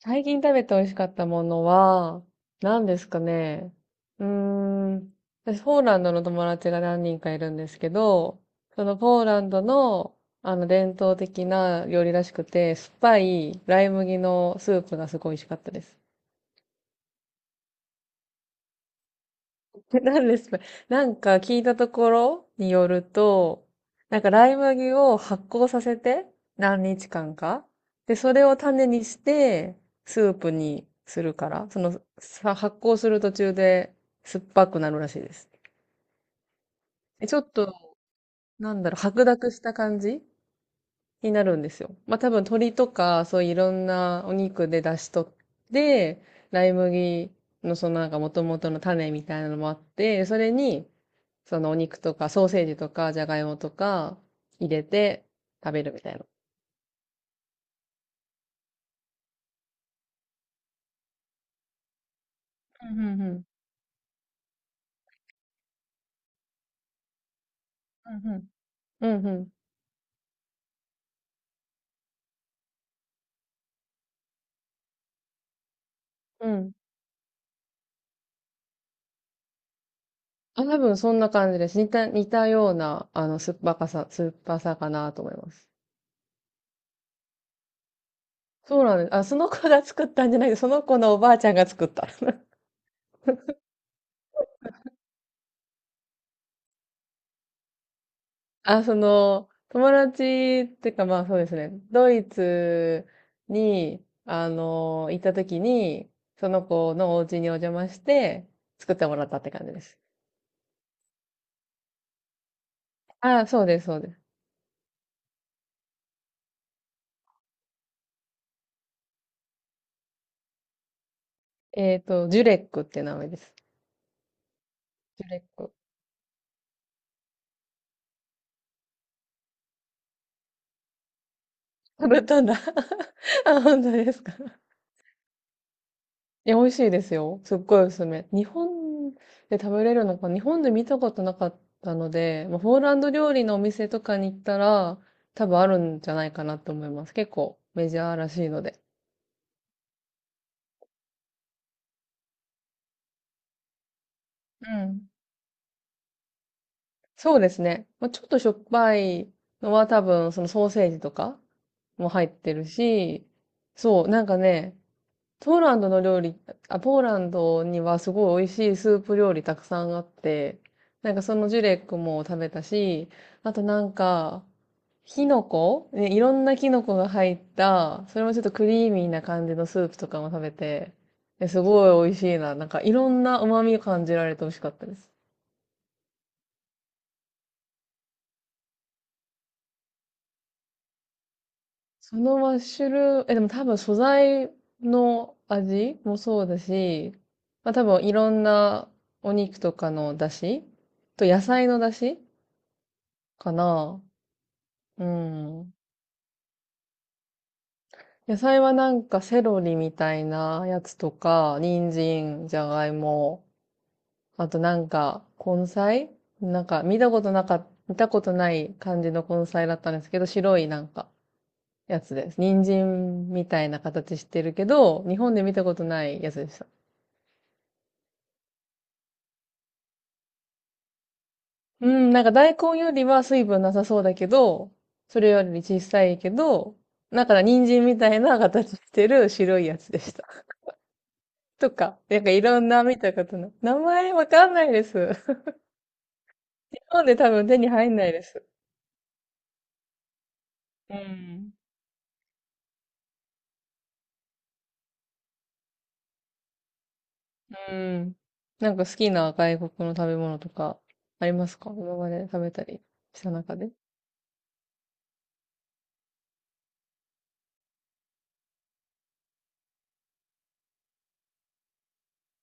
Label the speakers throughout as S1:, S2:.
S1: 最近食べて美味しかったものは、何ですかね。うーん。私、ポーランドの友達が何人かいるんですけど、そのポーランドの、伝統的な料理らしくて、酸っぱいライ麦のスープがすごい美味しかったです。何ですか？なんか聞いたところによると、なんかライ麦を発酵させて何日間か。で、それを種にしてスープにするから、そのさ発酵する途中で酸っぱくなるらしいです。ちょっと、なんだろう、白濁した感じになるんですよ。まあ多分鶏とか、そういういろんなお肉で出しとって、ライ麦のそのなんか元々の種みたいなのもあって、それに、そのお肉とか、ソーセージとか、じゃがいもとか、入れて食べるみたいな。うんうんうんうんうんうんうん。うん。あ、多分そんな感じです。似たような、酸っぱさかなと思います。そうなんです。あ、その子が作ったんじゃないその子のおばあちゃんが作った。あ、友達っていうかまあそうですね。ドイツに、行った時に、その子のお家にお邪魔して、作ってもらったって感じです。あ、そうです、そうです。ジュレックって名前です。ジュレック。食べたんだ。あ、本当ですか。いや、美味しいですよ。すっごいおすすめ。日本で食べれるのか、日本で見たことなかったので、まあ、ポーランド料理のお店とかに行ったら、多分あるんじゃないかなと思います。結構メジャーらしいので。うん。そうですね。まあ、ちょっとしょっぱいのは多分、そのソーセージとかも入ってるし、そう、なんかね、ポーランドの料理、あ、ポーランドにはすごい美味しいスープ料理たくさんあって、なんかそのジュレックも食べたし、あとなんか、キノコね、いろんなキノコが入った、それもちょっとクリーミーな感じのスープとかも食べて、すごい美味しいな。なんかいろんな旨味を感じられて美味しかったです。そのマッシュルーム、でも多分素材の味もそうだし、まあ多分いろんなお肉とかの出汁と野菜の出汁かな。うん。野菜はなんかセロリみたいなやつとか、人参、じゃがいも、あとなんか根菜、見たことない感じの根菜だったんですけど、白いなんかやつです。人参みたいな形してるけど、日本で見たことないやつです。うん、なんか大根よりは水分なさそうだけど、それより小さいけど、なんか人参みたいな形してる白いやつでした。とか、なんかいろんな見たことの、名前わかんないです。日本で多分手に入んないです。うん。うん。なんか好きな外国の食べ物とかありますか？今まで食べたりした中で。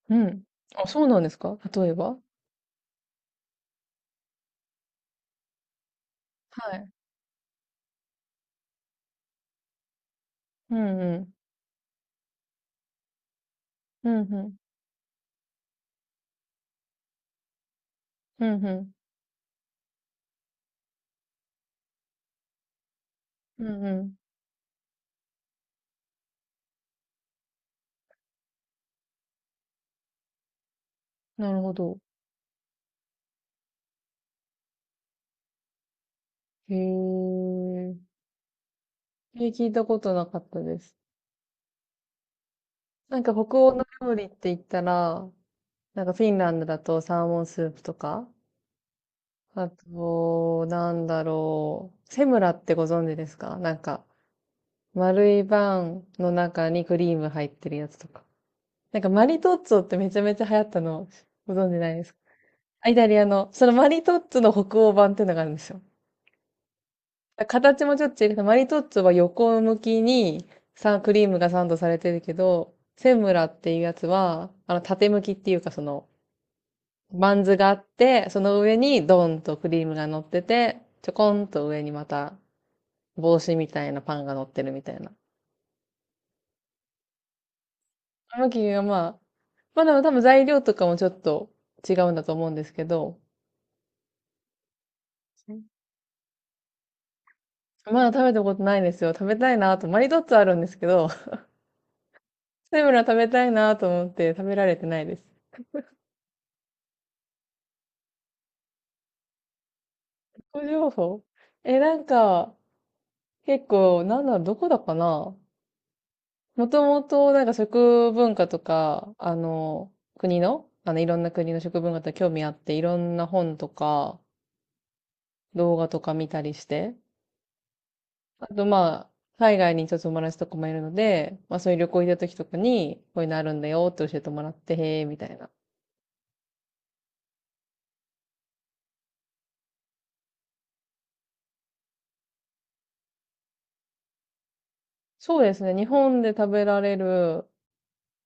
S1: うん。あ、そうなんですか？例えば。はい。うんうん。うんうん。うんうん。うんうん。なるほど。へえ。え、聞いたことなかったです。なんか北欧の料理って言ったら、なんかフィンランドだとサーモンスープとか、あと、なんだろう、セムラってご存知ですか？なんか、丸いバンの中にクリーム入ってるやつとか。なんかマリトッツォってめちゃめちゃ流行ったの、ご存知ないですか？あ、イタリアの、そのマリトッツォの北欧版っていうのがあるんですよ。形もちょっと違う。マリトッツォは横向きにさ、クリームがサンドされてるけど、セムラっていうやつは、縦向きっていうか、バンズがあって、その上にドンとクリームが乗ってて、ちょこんと上にまた帽子みたいなパンが乗ってるみたいな。向きがまあ、まあでも多分材料とかもちょっと違うんだと思うんですけど、まだ食べたことないんですよ。食べたいなと。マリトッツォあるんですけど、セムラ食べたいなと思って食べられてないです。個人情報。なんか、結構、なんだろう、どこだかな。もともと、なんか食文化とか、国の、いろんな国の食文化とか興味あって、いろんな本とか、動画とか見たりして、あと、まあ、海外にちょっと友達とかもいるので、まあ、そういう旅行行った時とかに、こういうのあるんだよって教えてもらって、へえ、みたいな。そうですね、日本で食べられる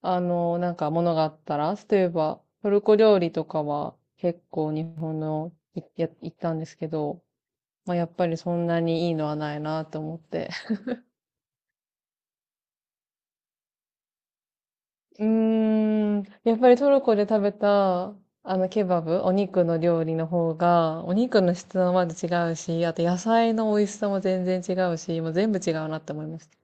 S1: なんかものがあったら、例えば、トルコ料理とかは結構日本のいや行ったんですけど、まあやっぱりそんなにいいのはないなと思って。うーん、やっぱりトルコで食べた、あのケバブ、お肉の料理の方が、お肉の質もまず違うし、あと野菜の美味しさも全然違うし、もう全部違うなって思いました。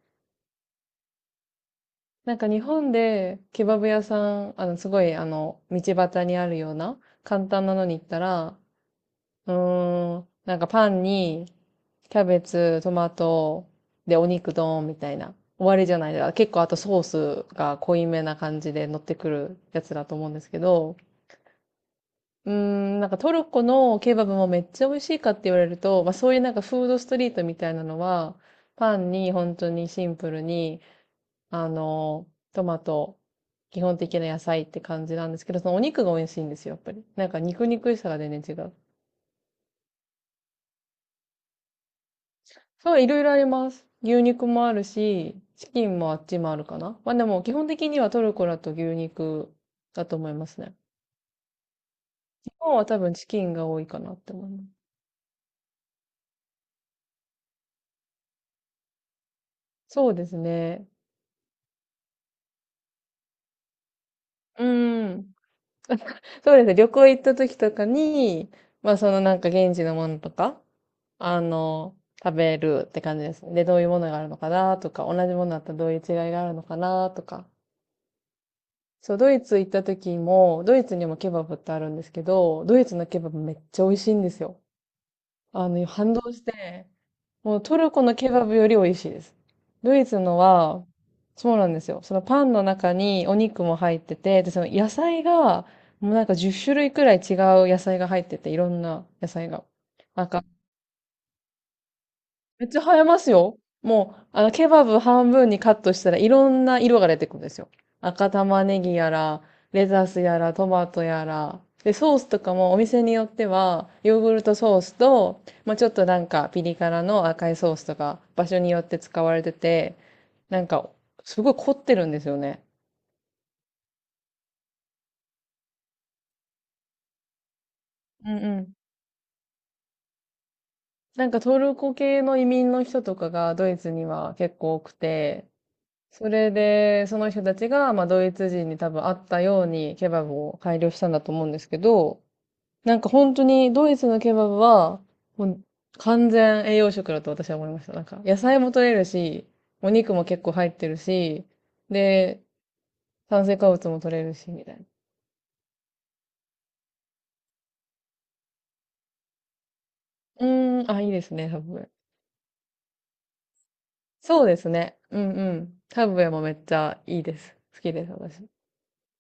S1: なんか日本でケバブ屋さん、すごい道端にあるような簡単なのに行ったら、うーん。なんかパンに、キャベツ、トマト、で、お肉ドーンみたいな。終わりじゃないですか。結構あとソースが濃いめな感じで乗ってくるやつだと思うんですけど、うーん、なんかトルコのケバブもめっちゃ美味しいかって言われると、まあそういうなんかフードストリートみたいなのは、パンに本当にシンプルに、あの、トマト、基本的な野菜って感じなんですけど、そのお肉が美味しいんですよ、やっぱり。なんか肉肉しさが全然違う。そう、いろいろあります。牛肉もあるし、チキンもあっちもあるかな。まあでも基本的にはトルコだと牛肉だと思いますね。日本は多分チキンが多いかなって思います。そうですね。うーん。そうですね。旅行行った時とかに、まあそのなんか現地のものとか、あの、食べるって感じですね。で、どういうものがあるのかなとか、同じものだったらどういう違いがあるのかなとか。そう、ドイツ行った時も、ドイツにもケバブってあるんですけど、ドイツのケバブめっちゃ美味しいんですよ。反動して、もうトルコのケバブより美味しいです。ドイツのは、そうなんですよ。そのパンの中にお肉も入ってて、で、その野菜が、もうなんか10種類くらい違う野菜が入ってて、いろんな野菜が。なんか。めっちゃ映えますよ。もう、ケバブ半分にカットしたらいろんな色が出てくるんですよ。赤玉ねぎやら、レタスやら、トマトやら。で、ソースとかもお店によっては、ヨーグルトソースと、まあ、ちょっとなんかピリ辛の赤いソースとか、場所によって使われてて、なんか、すごい凝ってるんですよね。うんうん。なんかトルコ系の移民の人とかがドイツには結構多くて、それで、その人たちが、まあ、ドイツ人に多分あったようにケバブを改良したんだと思うんですけど、なんか本当にドイツのケバブは、もう完全栄養食だと私は思いました。なんか、野菜も取れるし、お肉も結構入ってるし、で、炭水化物も取れるし、みたいな。うーん、あ、いいですね、ハブウェイ。そうですね。うんうん。ハブウェイもめっちゃいいです。好きです、私。